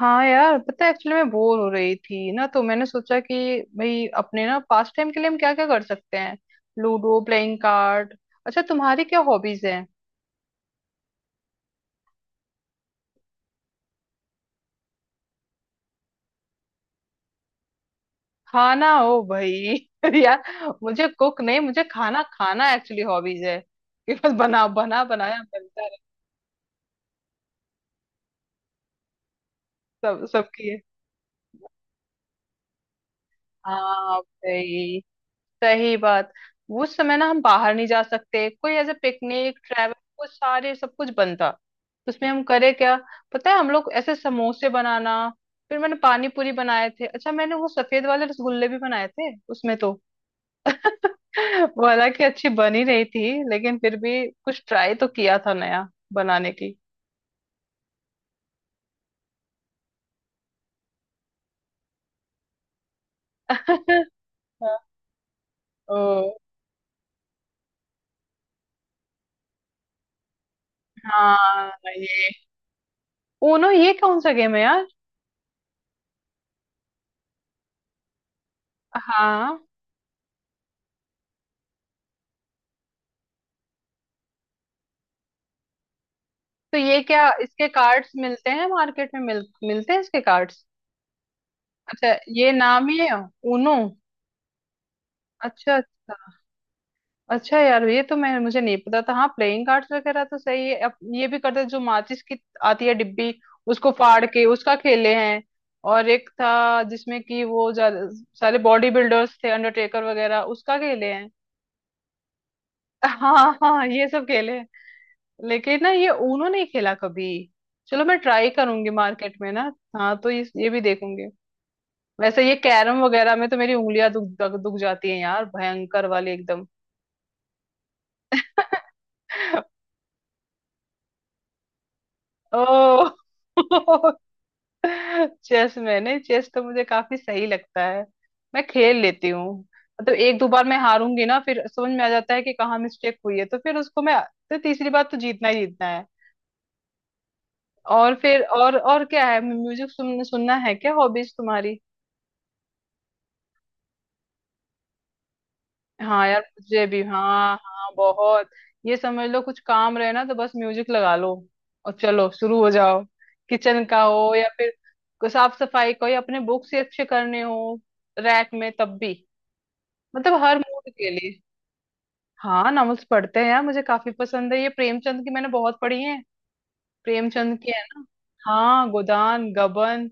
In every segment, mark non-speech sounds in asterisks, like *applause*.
हाँ यार, पता है एक्चुअली मैं बोर हो रही थी ना, तो मैंने सोचा कि भाई अपने ना पास टाइम के लिए हम क्या क्या कर सकते हैं। Ludo, playing card. अच्छा, तुम्हारी क्या हॉबीज हैं? खाना हो भाई। *laughs* यार, मुझे कुक नहीं, मुझे खाना खाना एक्चुअली हॉबीज है, कि बस बना बना बनाया बनता रहे। सब सबकी है। हाँ भाई, सही बात। उस समय ना हम बाहर नहीं जा सकते, कोई ऐसे पिकनिक ट्रैवल, वो सारे सब कुछ बंद था, तो उसमें हम करे क्या? पता है, हम लोग ऐसे समोसे बनाना, फिर मैंने पानी पूरी बनाए थे। अच्छा, मैंने वो सफेद वाले रसगुल्ले भी बनाए थे उसमें तो। *laughs* वो हालांकि अच्छी बन ही रही थी, लेकिन फिर भी कुछ ट्राई तो किया था नया बनाने की। *laughs* ओ हाँ, ये ऊनो ये कौन सा गेम है यार? हाँ तो ये क्या, इसके कार्ड्स मिलते हैं मार्केट में, मिलते हैं इसके कार्ड्स? अच्छा, ये नाम ही है, ऊनो? अच्छा अच्छा अच्छा यार, ये तो मैं मुझे नहीं पता था। हाँ प्लेइंग कार्ड्स वगैरह तो सही है, अब ये भी करते हैं, जो माचिस की आती है डिब्बी, उसको फाड़ के उसका खेले हैं। और एक था जिसमें कि वो सारे बॉडी बिल्डर्स थे, अंडरटेकर वगैरह, उसका खेले हैं। हाँ हाँ ये सब खेले हैं। लेकिन ना ये ऊनो नहीं खेला कभी। चलो मैं ट्राई करूंगी मार्केट में ना। हाँ तो ये भी देखूंगी। वैसे ये कैरम वगैरह में तो मेरी उंगलियां दुख दुख दुख जाती हैं यार, भयंकर वाली एकदम। *laughs* ओ, चेस में नहीं, चेस तो मुझे काफी सही लगता है, मैं खेल लेती हूँ। मतलब एक दो बार मैं हारूंगी ना, फिर समझ में आ जाता है कि कहाँ मिस्टेक हुई है, तो फिर उसको मैं तो तीसरी बार तो जीतना ही जीतना है। और फिर और क्या है, म्यूजिक सुनना है, क्या हॉबीज तुम्हारी? हाँ यार, मुझे भी, हाँ हाँ बहुत। ये समझ लो, कुछ काम रहे ना, तो बस म्यूजिक लगा लो और चलो शुरू हो जाओ। किचन का हो या फिर साफ सफाई का हो, या अपने बुक्स ही अच्छे करने हो रैक में, तब भी। मतलब हर मूड के लिए। हाँ, नॉवेल्स पढ़ते हैं यार, मुझे काफी पसंद है, ये प्रेमचंद की मैंने बहुत पढ़ी है। प्रेमचंद की है ना। हाँ, गोदान, गबन,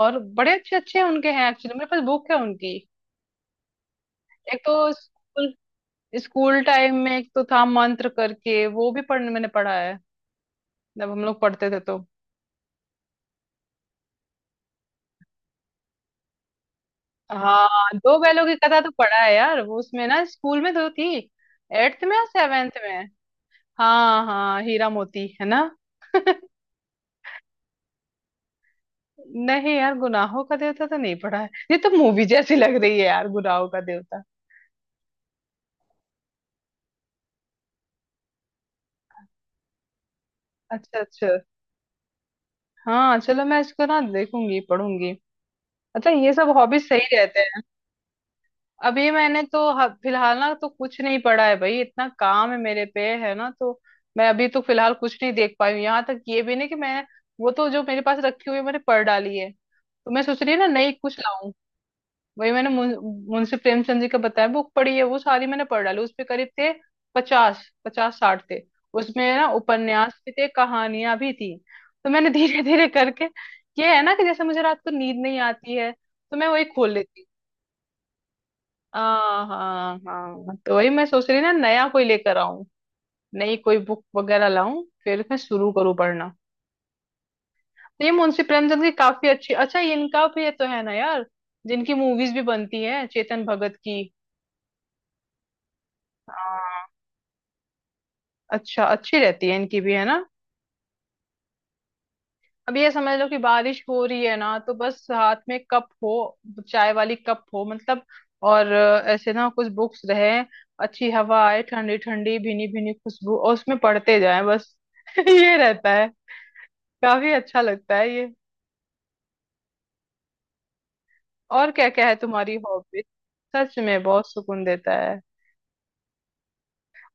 और बड़े अच्छे अच्छे उनके हैं एक्चुअली, मेरे पास बुक है उनकी। एक तो स्कूल स्कूल टाइम में एक तो था मंत्र करके, वो भी पढ़ मैंने पढ़ा है, जब हम लोग पढ़ते थे तो। हाँ, दो बैलों की कथा तो पढ़ा है यार, वो उसमें ना, स्कूल में तो थी, एट्थ में या सेवेंथ में। हाँ हाँ, हीरा मोती है ना। *laughs* नहीं यार, गुनाहों का देवता तो नहीं पढ़ा है, ये तो मूवी जैसी लग रही है यार, गुनाहों का देवता। अच्छा अच्छा। हाँ चलो मैं इसको ना देखूंगी, पढ़ूंगी। अच्छा, ये सब हॉबीज सही रहते हैं। अभी मैंने तो फिलहाल ना तो कुछ नहीं पढ़ा है भाई, इतना काम है मेरे पे है ना तो। मैं अभी तो फिलहाल कुछ नहीं देख पाई हूँ, यहाँ तक ये भी नहीं कि मैं, वो तो जो मेरे पास रखी हुई है मैंने पढ़ डाली है, तो मैं सोच रही हूँ ना नई कुछ लाऊं। वही मैंने मुंशी प्रेमचंद जी का बताया बुक पढ़ी है, वो सारी मैंने पढ़ डाली, उसपे करीब थे पचास पचास साठ थे। उसमें ना उपन्यास भी थे, कहानियां भी थी। तो मैंने *laughs* धीरे धीरे करके। ये है ना कि जैसे मुझे रात को नींद नहीं आती है, तो मैं वही खोल लेती हूँ। हाँ हाँ हाँ, तो वही मैं सोच रही ना नया कोई लेकर आऊं, नई कोई बुक वगैरह लाऊं, फिर मैं शुरू करूँ पढ़ना। तो ये मुंशी प्रेमचंद की काफी अच्छी। अच्छा, ये इनका भी ये तो है ना यार, जिनकी मूवीज भी बनती है, चेतन भगत की। हाँ, अच्छा, अच्छी रहती है इनकी भी, है ना। अब ये समझ लो कि बारिश हो रही है ना, तो बस हाथ में कप हो, चाय वाली कप हो मतलब, और ऐसे ना कुछ बुक्स रहे, अच्छी हवा आए, ठंडी ठंडी भीनी भीनी खुशबू, और उसमें पढ़ते जाए बस। *laughs* ये रहता, काफी अच्छा लगता है ये। और क्या क्या है तुम्हारी हॉबी? सच में बहुत सुकून देता है।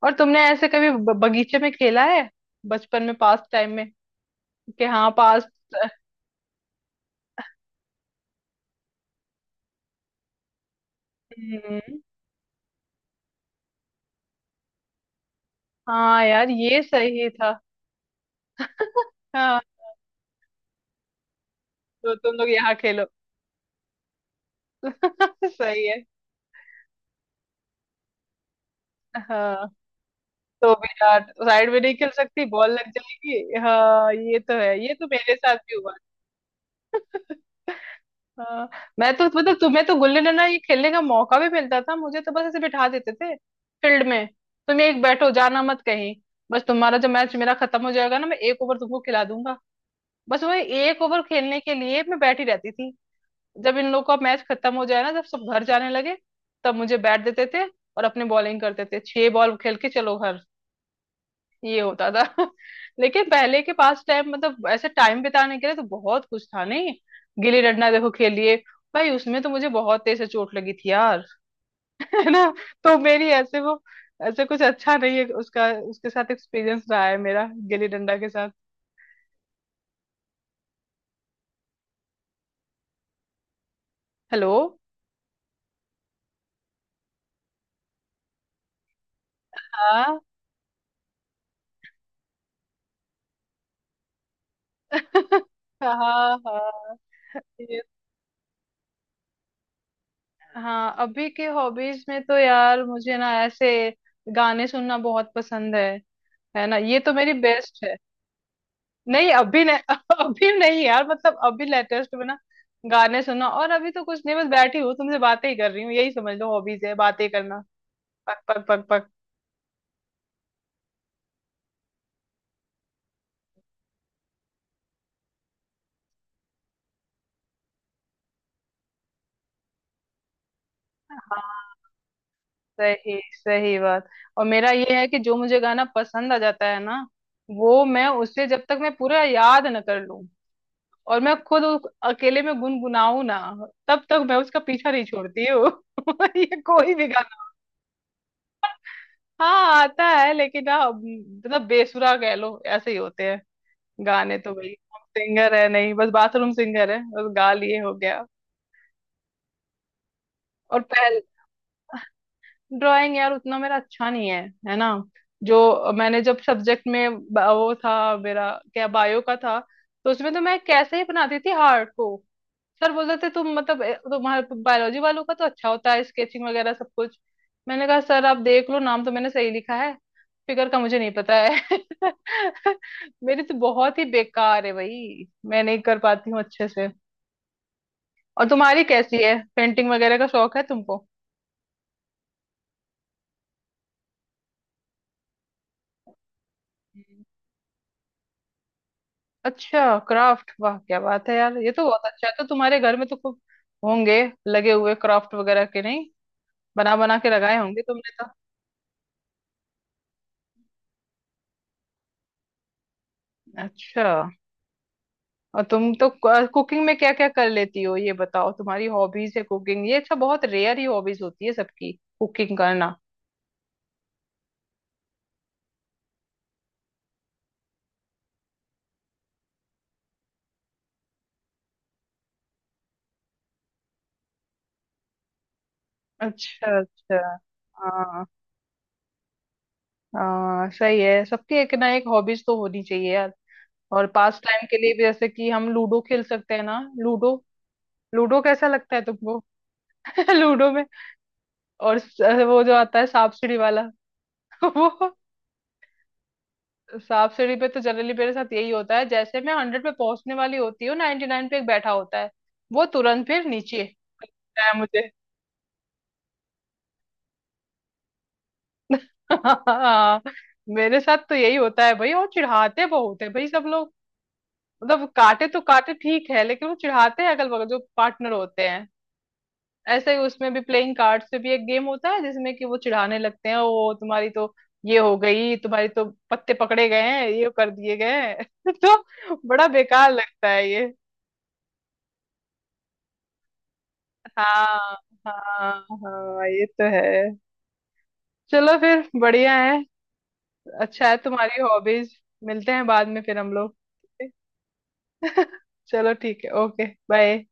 और तुमने ऐसे कभी बगीचे में खेला है, बचपन में पास टाइम में, कि हाँ पास? हम्म। हाँ यार, ये सही था। *laughs* हाँ, तो तुम लोग यहाँ खेलो। *laughs* सही है। हाँ, तो भी यार साइड में नहीं खेल सकती, बॉल लग जाएगी। हाँ, ये तो है, ये तो मेरे साथ भी हुआ। हाँ। मैं तो मतलब तुम्हें तो गुल्ली डंडा ये खेलने का मौका भी मिलता था, मुझे तो बस ऐसे बिठा देते थे फील्ड में, तुम एक बैठो जाना मत कहीं, बस तुम्हारा जब मैच मेरा खत्म हो जाएगा ना, मैं 1 ओवर तुमको खिला दूंगा। बस वही 1 ओवर खेलने के लिए मैं बैठी रहती थी, जब इन लोग का मैच खत्म हो जाए ना, जब सब घर जाने लगे, तब मुझे बैठ देते थे और अपने बॉलिंग करते थे, 6 बॉल खेल के चलो घर। ये होता था। *laughs* लेकिन पहले के पास टाइम, मतलब ऐसे टाइम बिताने के लिए तो बहुत कुछ था नहीं, गिल्ली डंडा देखो खेलिए। भाई उसमें तो मुझे बहुत तेज से चोट लगी थी यार। *laughs* है ना, तो मेरी ऐसे वो, ऐसे कुछ अच्छा नहीं है उसका, उसके साथ एक्सपीरियंस रहा है मेरा गिल्ली डंडा के साथ। हेलो। हाँ। *laughs* हाँ हाँ, ये- हाँ, अभी के हॉबीज में तो यार मुझे ना ऐसे गाने सुनना बहुत पसंद है ना, ये तो मेरी बेस्ट है। नहीं अभी नहीं। *laughs* अभी नहीं यार, मतलब अभी लेटेस्ट में ना गाने सुना, और अभी तो कुछ नहीं, बस बैठी हूँ तुमसे बातें ही कर रही हूँ, यही समझ लो हॉबीज है, बातें करना, पक पक पक पक। हाँ सही, सही बात। और मेरा ये है कि जो मुझे गाना पसंद आ जाता है ना, वो मैं उसे जब तक मैं पूरा याद न कर लूं, और मैं खुद उस अकेले में गुनगुनाऊं ना, तब तक मैं उसका पीछा नहीं छोड़ती हूँ। *laughs* ये कोई भी गाना। हाँ आता है, लेकिन ना मतलब बेसुरा कह लो, ऐसे ही होते हैं गाने तो भाई, हम सिंगर है नहीं, बस बाथरूम सिंगर है, बस गा लिए हो गया। और पहले ड्राइंग यार, उतना मेरा अच्छा नहीं है, है ना। जो मैंने जब सब्जेक्ट में वो था मेरा क्या, बायो का था, तो उसमें तो मैं कैसे ही बनाती थी हार्ट को। सर बोलते थे तुम मतलब तुम्हारे बायोलॉजी वालों का तो अच्छा होता है, स्केचिंग वगैरह सब कुछ। मैंने कहा सर आप देख लो, नाम तो मैंने सही लिखा है, फिगर का मुझे नहीं पता है। *laughs* मेरी तो बहुत ही बेकार है भाई, मैं नहीं कर पाती हूँ अच्छे से। और तुम्हारी कैसी है, पेंटिंग वगैरह का शौक है तुमको? हम्म। अच्छा, क्राफ्ट, वाह क्या बात है यार, ये तो बहुत अच्छा है। तो तुम्हारे घर में तो खूब होंगे लगे हुए क्राफ्ट वगैरह के, नहीं? बना बना के लगाए होंगे तुमने तो। अच्छा। और तुम तो कुकिंग में क्या क्या कर लेती हो ये बताओ, तुम्हारी हॉबीज है कुकिंग, ये अच्छा, बहुत रेयर ही हॉबीज होती है सबकी, कुकिंग करना। अच्छा अच्छा। हाँ हाँ सही है, सबकी एक ना एक हॉबीज तो होनी चाहिए यार। और पास टाइम के लिए भी, जैसे कि हम लूडो खेल सकते हैं ना, लूडो। लूडो कैसा लगता है तुमको? *laughs* लूडो में। और वो जो आता है, सांप सीढ़ी वाला, *laughs* वो। सांप सीढ़ी पे तो जनरली मेरे साथ यही होता है, जैसे मैं 100 पे पहुंचने वाली होती हूँ, 99 पे एक बैठा होता है वो, तुरंत फिर नीचे लगता है मुझे। *laughs* हाँ, मेरे साथ तो यही होता है भाई, और चिढ़ाते बहुत है भाई सब लोग। मतलब काटे तो काटे ठीक है, लेकिन वो चिढ़ाते हैं अगल बगल जो पार्टनर होते हैं। ऐसा ही उसमें भी प्लेइंग कार्ड्स पे भी एक गेम होता है, जिसमें कि वो चिढ़ाने लगते हैं, वो तुम्हारी तो ये हो गई, तुम्हारी तो पत्ते पकड़े गए हैं, ये कर दिए गए हैं। *laughs* तो बड़ा बेकार लगता है ये। हाँ हाँ हाँ, ये तो है। चलो फिर बढ़िया है, अच्छा है तुम्हारी हॉबीज। मिलते हैं बाद में फिर हम लोग। *laughs* चलो ठीक है, ओके बाय।